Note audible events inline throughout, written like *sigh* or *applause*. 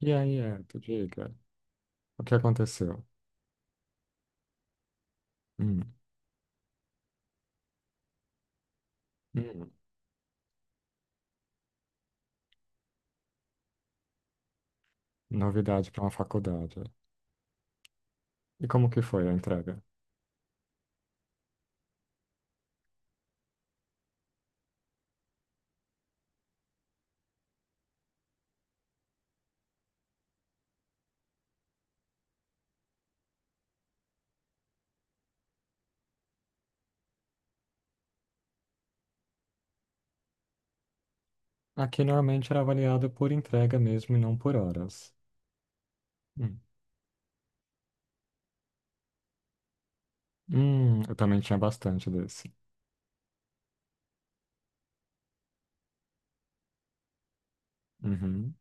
E aí, Anto, diga, o que aconteceu? Hum, hum, novidade para uma faculdade. E como que foi a entrega? Aqui normalmente era avaliado por entrega mesmo e não por horas. Hum, eu também tinha bastante desse. Uhum,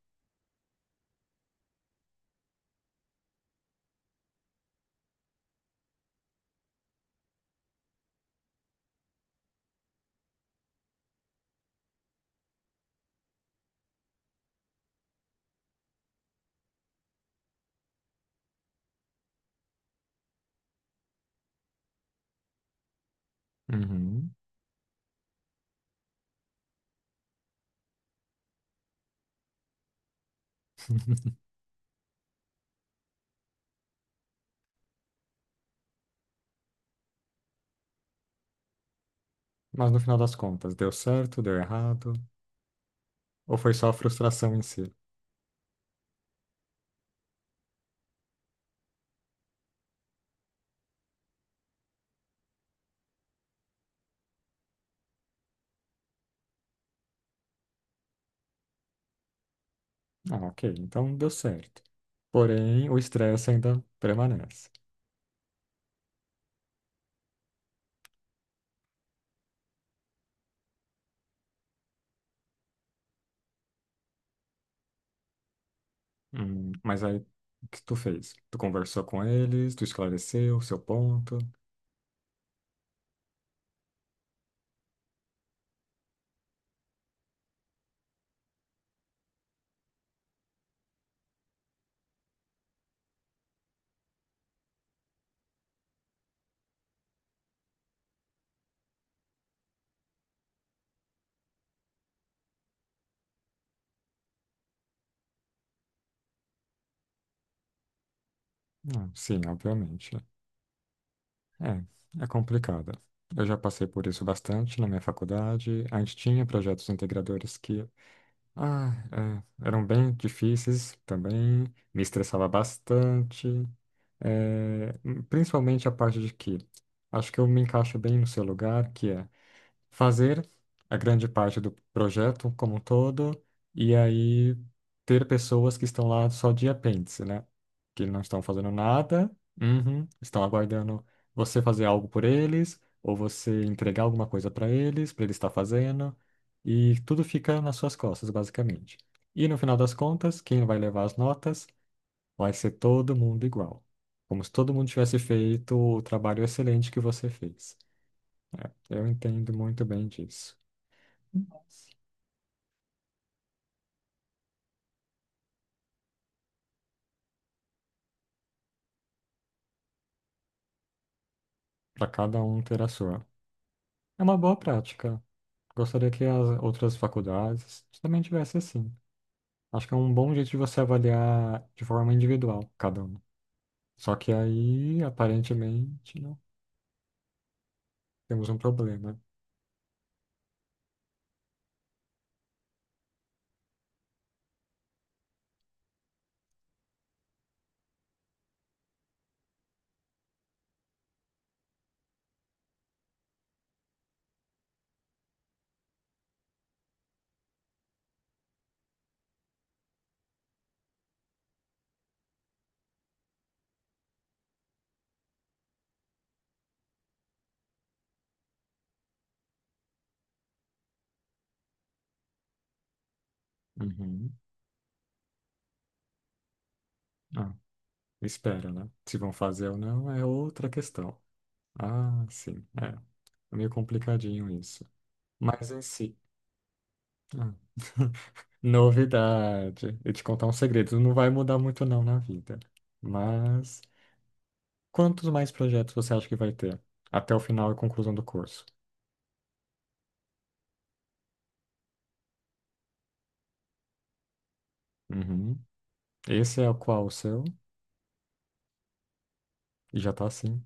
uhum. *laughs* Mas no final das contas, deu certo, deu errado? Ou foi só a frustração em si? Ah, ok, então deu certo. Porém, o estresse ainda permanece. Mas aí, o que tu fez? Tu conversou com eles, tu esclareceu o seu ponto? Sim, obviamente. É, é complicado. Eu já passei por isso bastante na minha faculdade. A gente tinha projetos integradores que eram bem difíceis também, me estressava bastante, é, principalmente a parte de que acho que eu me encaixo bem no seu lugar, que é fazer a grande parte do projeto como um todo e aí ter pessoas que estão lá só de apêndice, né? Que não estão fazendo nada, uhum, estão aguardando você fazer algo por eles ou você entregar alguma coisa para eles estar fazendo e tudo fica nas suas costas, basicamente. E no final das contas, quem vai levar as notas vai ser todo mundo igual. Como se todo mundo tivesse feito o trabalho excelente que você fez. Eu entendo muito bem disso. Para cada um ter a sua. É uma boa prática. Gostaria que as outras faculdades também tivesse assim. Acho que é um bom jeito de você avaliar de forma individual cada um. Só que aí, aparentemente, não temos um problema. Uhum. Ah, espera, né? Se vão fazer ou não é outra questão. Ah, sim. É. É meio complicadinho isso. Mas em si. Ah, *laughs* novidade. E te contar um segredo. Não vai mudar muito não na vida. Mas. Quantos mais projetos você acha que vai ter até o final e conclusão do curso? Uhum. Esse é o qual o seu? E já tá assim.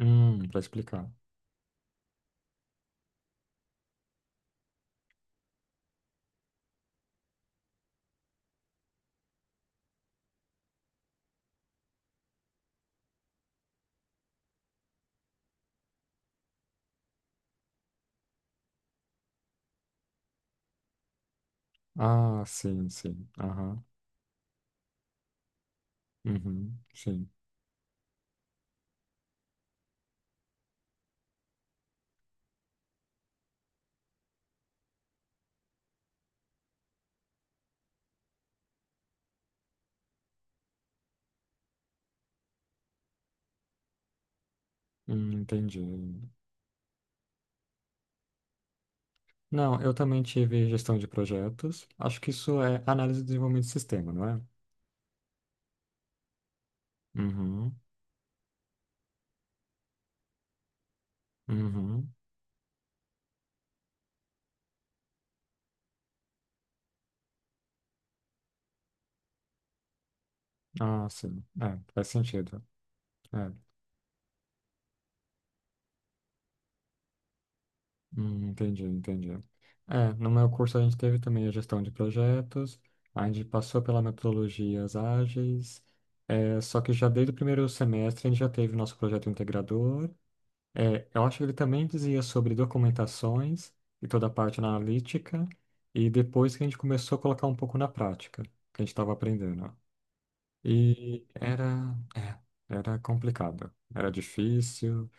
Pra explicar. Ah, sim, sim. Aham. Uhum. Sim. Entendi. Não, eu também tive gestão de projetos. Acho que isso é análise de desenvolvimento de sistema, não é? Uhum. Uhum. Ah, sim. É, faz sentido. É. Entendi, entendi. É, no meu curso a gente teve também a gestão de projetos, a gente passou pela metodologias ágeis, é, só que já desde o primeiro semestre a gente já teve o nosso projeto integrador. É, eu acho que ele também dizia sobre documentações e toda a parte analítica, e depois que a gente começou a colocar um pouco na prática, que a gente estava aprendendo. E era, é, era complicado, era difícil,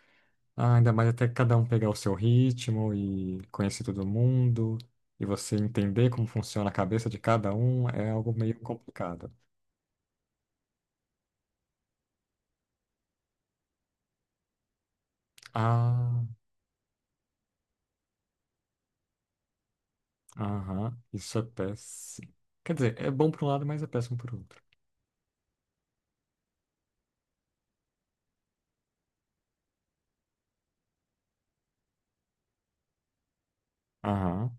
ah, ainda mais até cada um pegar o seu ritmo e conhecer todo mundo, e você entender como funciona a cabeça de cada um, é algo meio complicado. Ah, aham, isso é péssimo. Quer dizer, é bom por um lado, mas é péssimo por outro. Aham,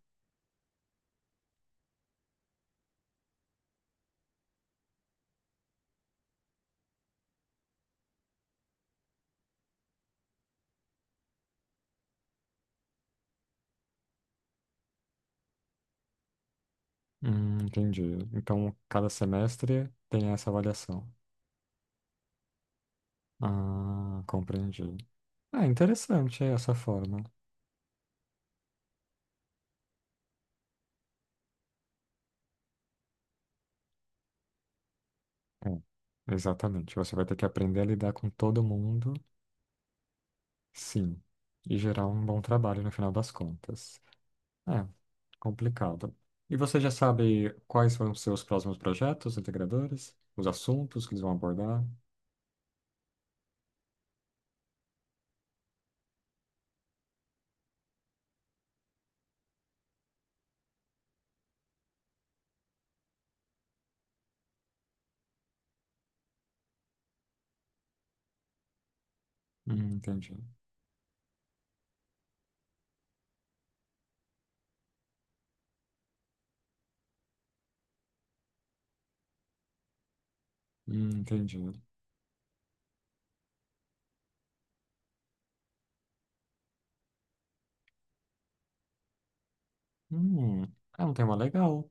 entendi. Então, cada semestre tem essa avaliação. Ah, compreendi. Ah, interessante é essa forma. É, exatamente. Você vai ter que aprender a lidar com todo mundo. Sim, e gerar um bom trabalho no final das contas. É, complicado. E você já sabe quais são os seus próximos projetos integradores? Os assuntos que eles vão abordar? Entendi. Entendi. Hum, é um tema legal.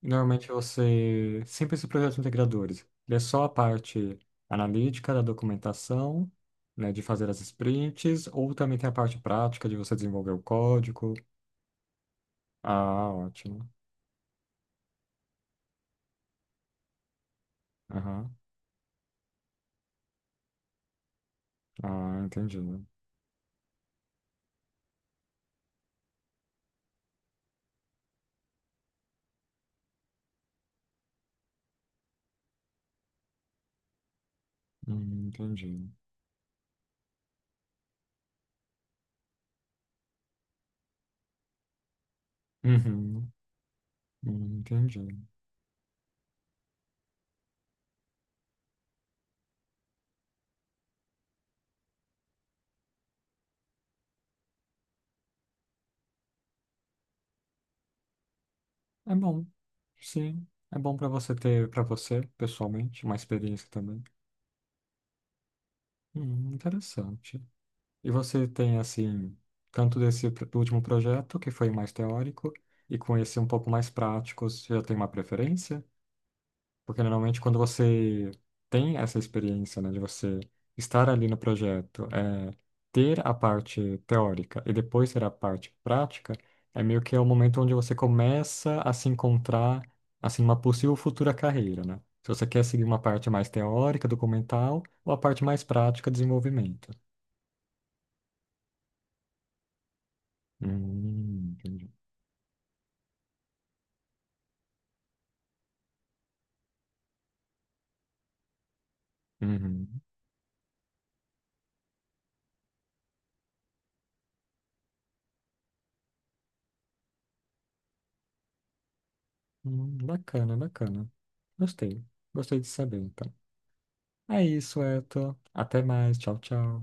Normalmente você... Sempre esses projetos integradores. Ele é só a parte analítica da documentação, né, de fazer as sprints, ou também tem a parte prática de você desenvolver o código? Ah, ótimo. Aham. Ah, entendi. Entendi. Uhum, entendi. É bom, sim. É bom para você ter, para você, pessoalmente, uma experiência também. Interessante. E você tem, assim, tanto último projeto, que foi mais teórico, e com esse um pouco mais prático, você já tem uma preferência? Porque normalmente quando você tem essa experiência, né, de você estar ali no projeto, é, ter a parte teórica e depois ter a parte prática, é meio que é o momento onde você começa a se encontrar, assim, uma possível futura carreira, né? Se você quer seguir uma parte mais teórica, documental, ou a parte mais prática, desenvolvimento. Entendi. Uhum. Bacana, bacana. Gostei. Gostei de saber, então. É isso, Eto. Até mais. Tchau, tchau.